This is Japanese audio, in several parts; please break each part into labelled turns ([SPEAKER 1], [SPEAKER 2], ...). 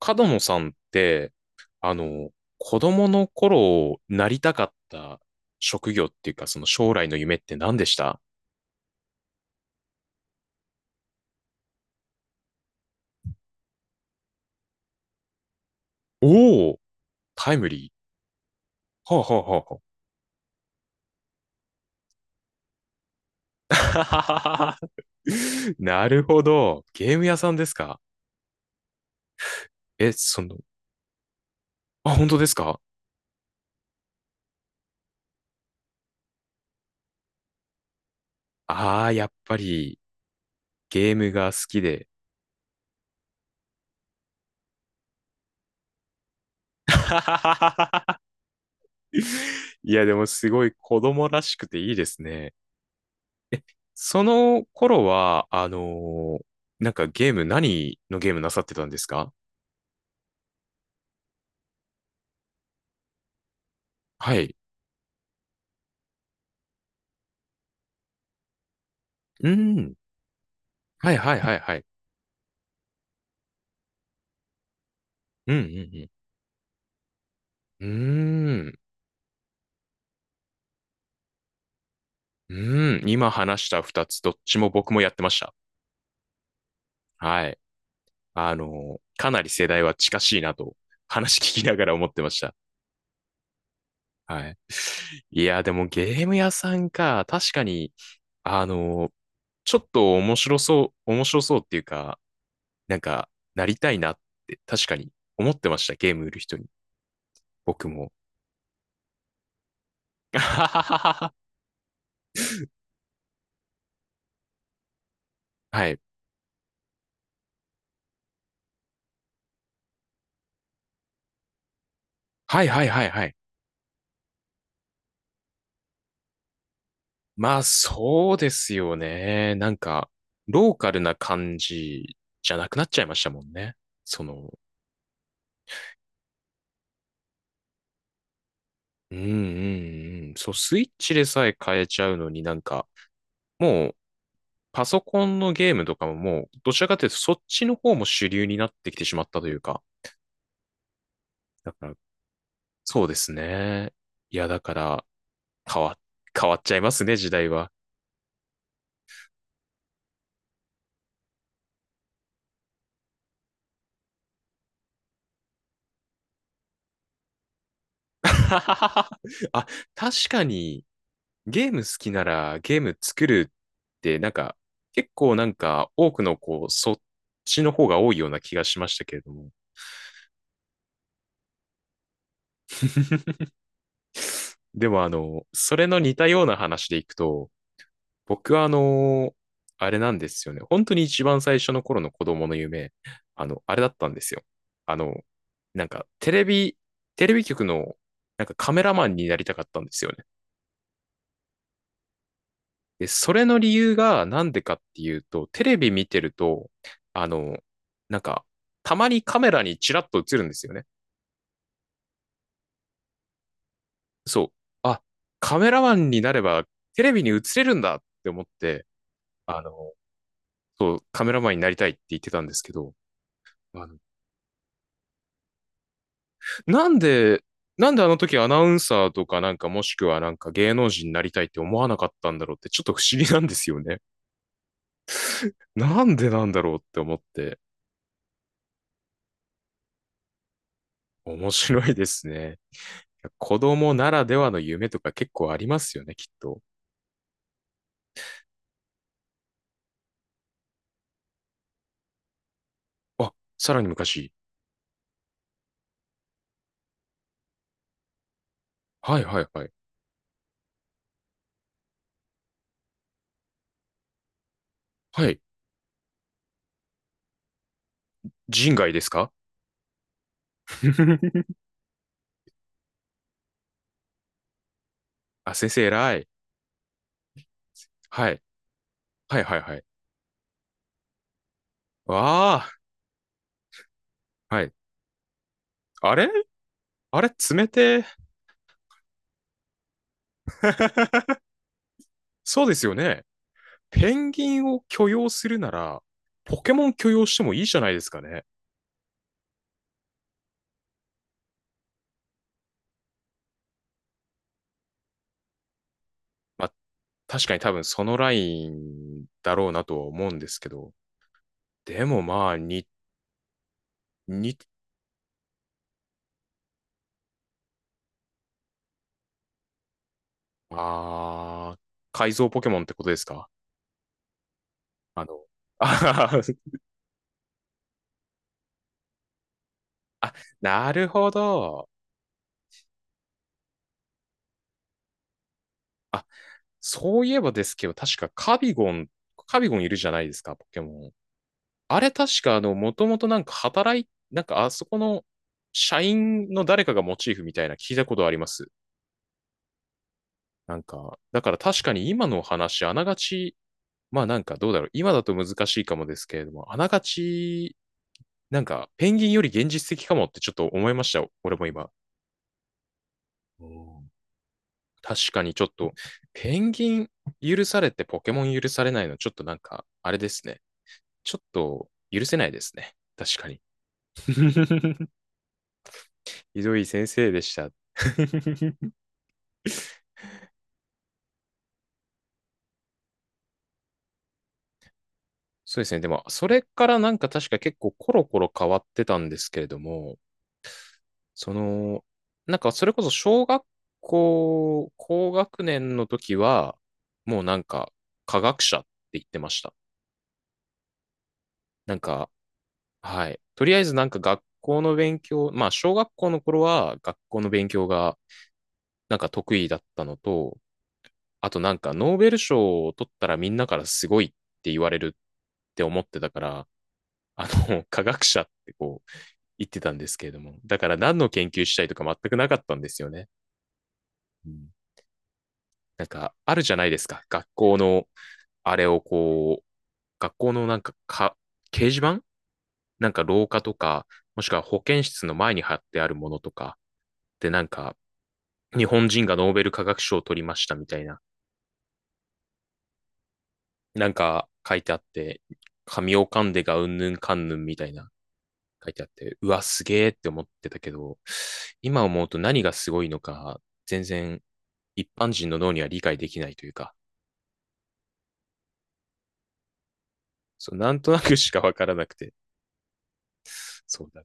[SPEAKER 1] 角野さんって、あの、子供の頃なりたかった職業っていうか、その将来の夢って何でした？おおー、タイムリー。はあ、はあはあはあ、なるほど。ゲーム屋さんですか？え、その、あ、本当ですか？ああー、やっぱりゲームが好きで。いや、でもすごい子供らしくていいですね。その頃は、なんかゲーム、何のゲームなさってたんですか？はい。うん。はいはいはいはい。うんうんうん。うーん。うん。今話した二つ、どっちも僕もやってました。はい。かなり世代は近しいなと、話聞きながら思ってました。はい。いや、でもゲーム屋さんか、確かに、あのーちょっと面白そう、面白そうっていうか、なんか、なりたいなって、確かに思ってました、ゲーム売る人に。僕も。ははいはいはいはいはい。まあそうですよね。なんか、ローカルな感じじゃなくなっちゃいましたもんね。その、うんうんうん。そう、スイッチでさえ変えちゃうのになんか、もう、パソコンのゲームとかももう、どちらかというとそっちの方も主流になってきてしまったというか。だから、そうですね。いや、だから、変わ、変わっちゃいますね、時代は。あ、確かに、ゲーム好きならゲーム作るってなんか結構なんか多くのこうそっちの方が多いような気がしましたけれども。でもあの、それの似たような話でいくと、僕はあの、あれなんですよね。本当に一番最初の頃の子供の夢、あの、あれだったんですよ。あの、なんかテレビ、テレビ局のなんかカメラマンになりたかったんですよね。で、それの理由がなんでかっていうと、テレビ見てると、あの、なんか、たまにカメラにチラッと映るんですよね。そう。あ、カメラマンになればテレビに映れるんだって思って、あの、そう、カメラマンになりたいって言ってたんですけど、あの、なんで、なんであの時アナウンサーとかなんかもしくはなんか芸能人になりたいって思わなかったんだろうってちょっと不思議なんですよね。なんでなんだろうって思って、面白いですね。子供ならではの夢とか結構ありますよね、きっと。あ、さらに昔。はいはいはい。はい。人外ですか？ あ、先生偉い。はい。はいはいはい。わあ。はい。あれ？あれ冷てえ。そうですよね。ペンギンを許容するなら、ポケモン許容してもいいじゃないですかね。まあ、確かに多分そのラインだろうなとは思うんですけど。でもまあ、に、に、あー、改造ポケモンってことですか？あの、あははあ、なるほど。あ、そういえばですけど、確かカビゴン、カビゴンいるじゃないですか、ポケモン。あれ確か、あの、もともとなんか働い、なんかあそこの社員の誰かがモチーフみたいな聞いたことあります。なんか、だから確かに今のお話、あながち、まあなんかどうだろう。今だと難しいかもですけれども、あながち、なんかペンギンより現実的かもってちょっと思いました、俺も今。確かにちょっと、ペンギン許されてポケモン許されないの、ちょっとなんか、あれですね。ちょっと許せないですね。確かに。ひどい先生でした。そうですね。でも、それからなんか確か結構コロコロ変わってたんですけれども、その、なんかそれこそ小学校、高学年の時は、もうなんか科学者って言ってました。なんか、はい。とりあえずなんか学校の勉強、まあ小学校の頃は学校の勉強がなんか得意だったのと、あとなんかノーベル賞を取ったらみんなからすごいって言われるって思ってたから、あの、科学者ってこう言ってたんですけれども、だから何の研究したいとか全くなかったんですよね。うん、なんかあるじゃないですか。学校のあれをこう、学校のなんか、か、掲示板なんか廊下とか、もしくは保健室の前に貼ってあるものとか、で、なんか、日本人がノーベル化学賞を取りましたみたいな、なんか書いてあって、神を噛んでがうんぬんかんぬんみたいな書いてあって、うわ、すげえって思ってたけど、今思うと何がすごいのか、全然一般人の脳には理解できないというか、そうなんとなくしかわからなくて、そうだ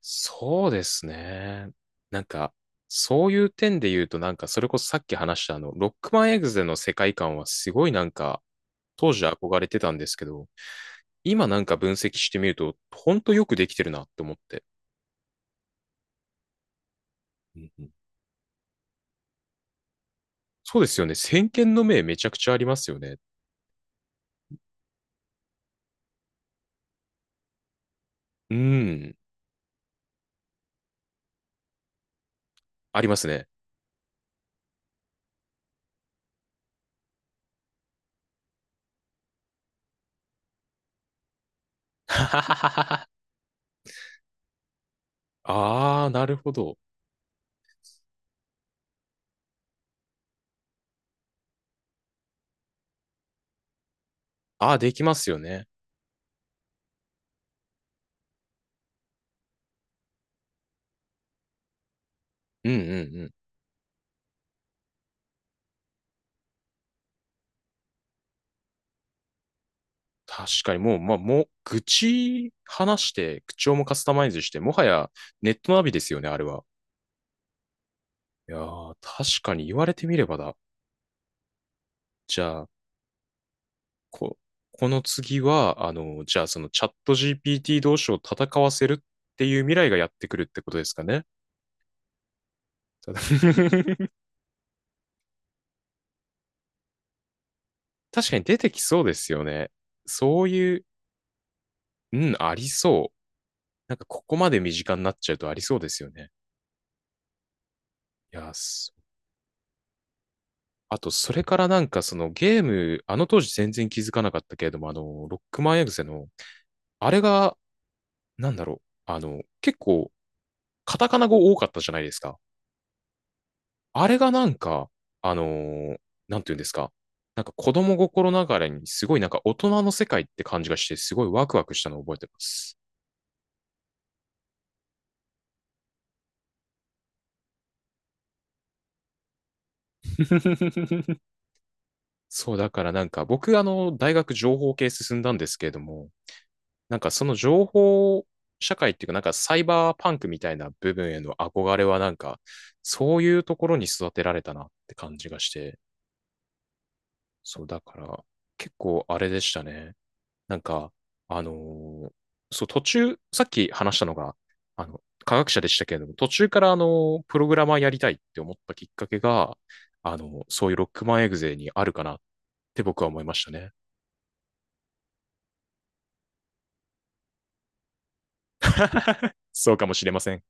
[SPEAKER 1] そうですね。なんか、そういう点で言うと、なんか、それこそさっき話したあの、ロックマンエグゼの世界観はすごいなんか、当時憧れてたんですけど、今なんか分析してみると、ほんとよくできてるなって思って。うんうんそうですよね。先見の明めちゃくちゃありますよね。うん。ありますね。ああ、なるほど。ああ、できますよね。うんうん確かにもう、まあ、もう、愚痴話して、口調もカスタマイズして、もはやネットナビですよね、あれは。いやー、確かに言われてみればだ。じゃあ、こ、この次は、あの、じゃあそのチャット GPT 同士を戦わせるっていう未来がやってくるってことですかね？ただ 確かに出てきそうですよね。そういう、うん、ありそう。なんかここまで身近になっちゃうとありそうですよね。いやー、あと、それからなんかそのゲーム、あの当時全然気づかなかったけれども、あの、ロックマンエグゼの、あれが、なんだろう、あの、結構、カタカナ語多かったじゃないですか。あれがなんか、あのーなんていうんですか。なんか子供心ながらにすごいなんか大人の世界って感じがして、すごいワクワクしたのを覚えてます。そう、だからなんか僕、あの、大学情報系進んだんですけれども、なんかその情報社会っていうか、なんかサイバーパンクみたいな部分への憧れはなんか、そういうところに育てられたなって感じがして、そうだから、結構あれでしたね。なんか、あのーそう、途中、さっき話したのが、あの、科学者でしたけれども、途中からあの、プログラマーやりたいって思ったきっかけが、あの、そういうロックマンエグゼにあるかなって僕は思いましたね。そうかもしれません。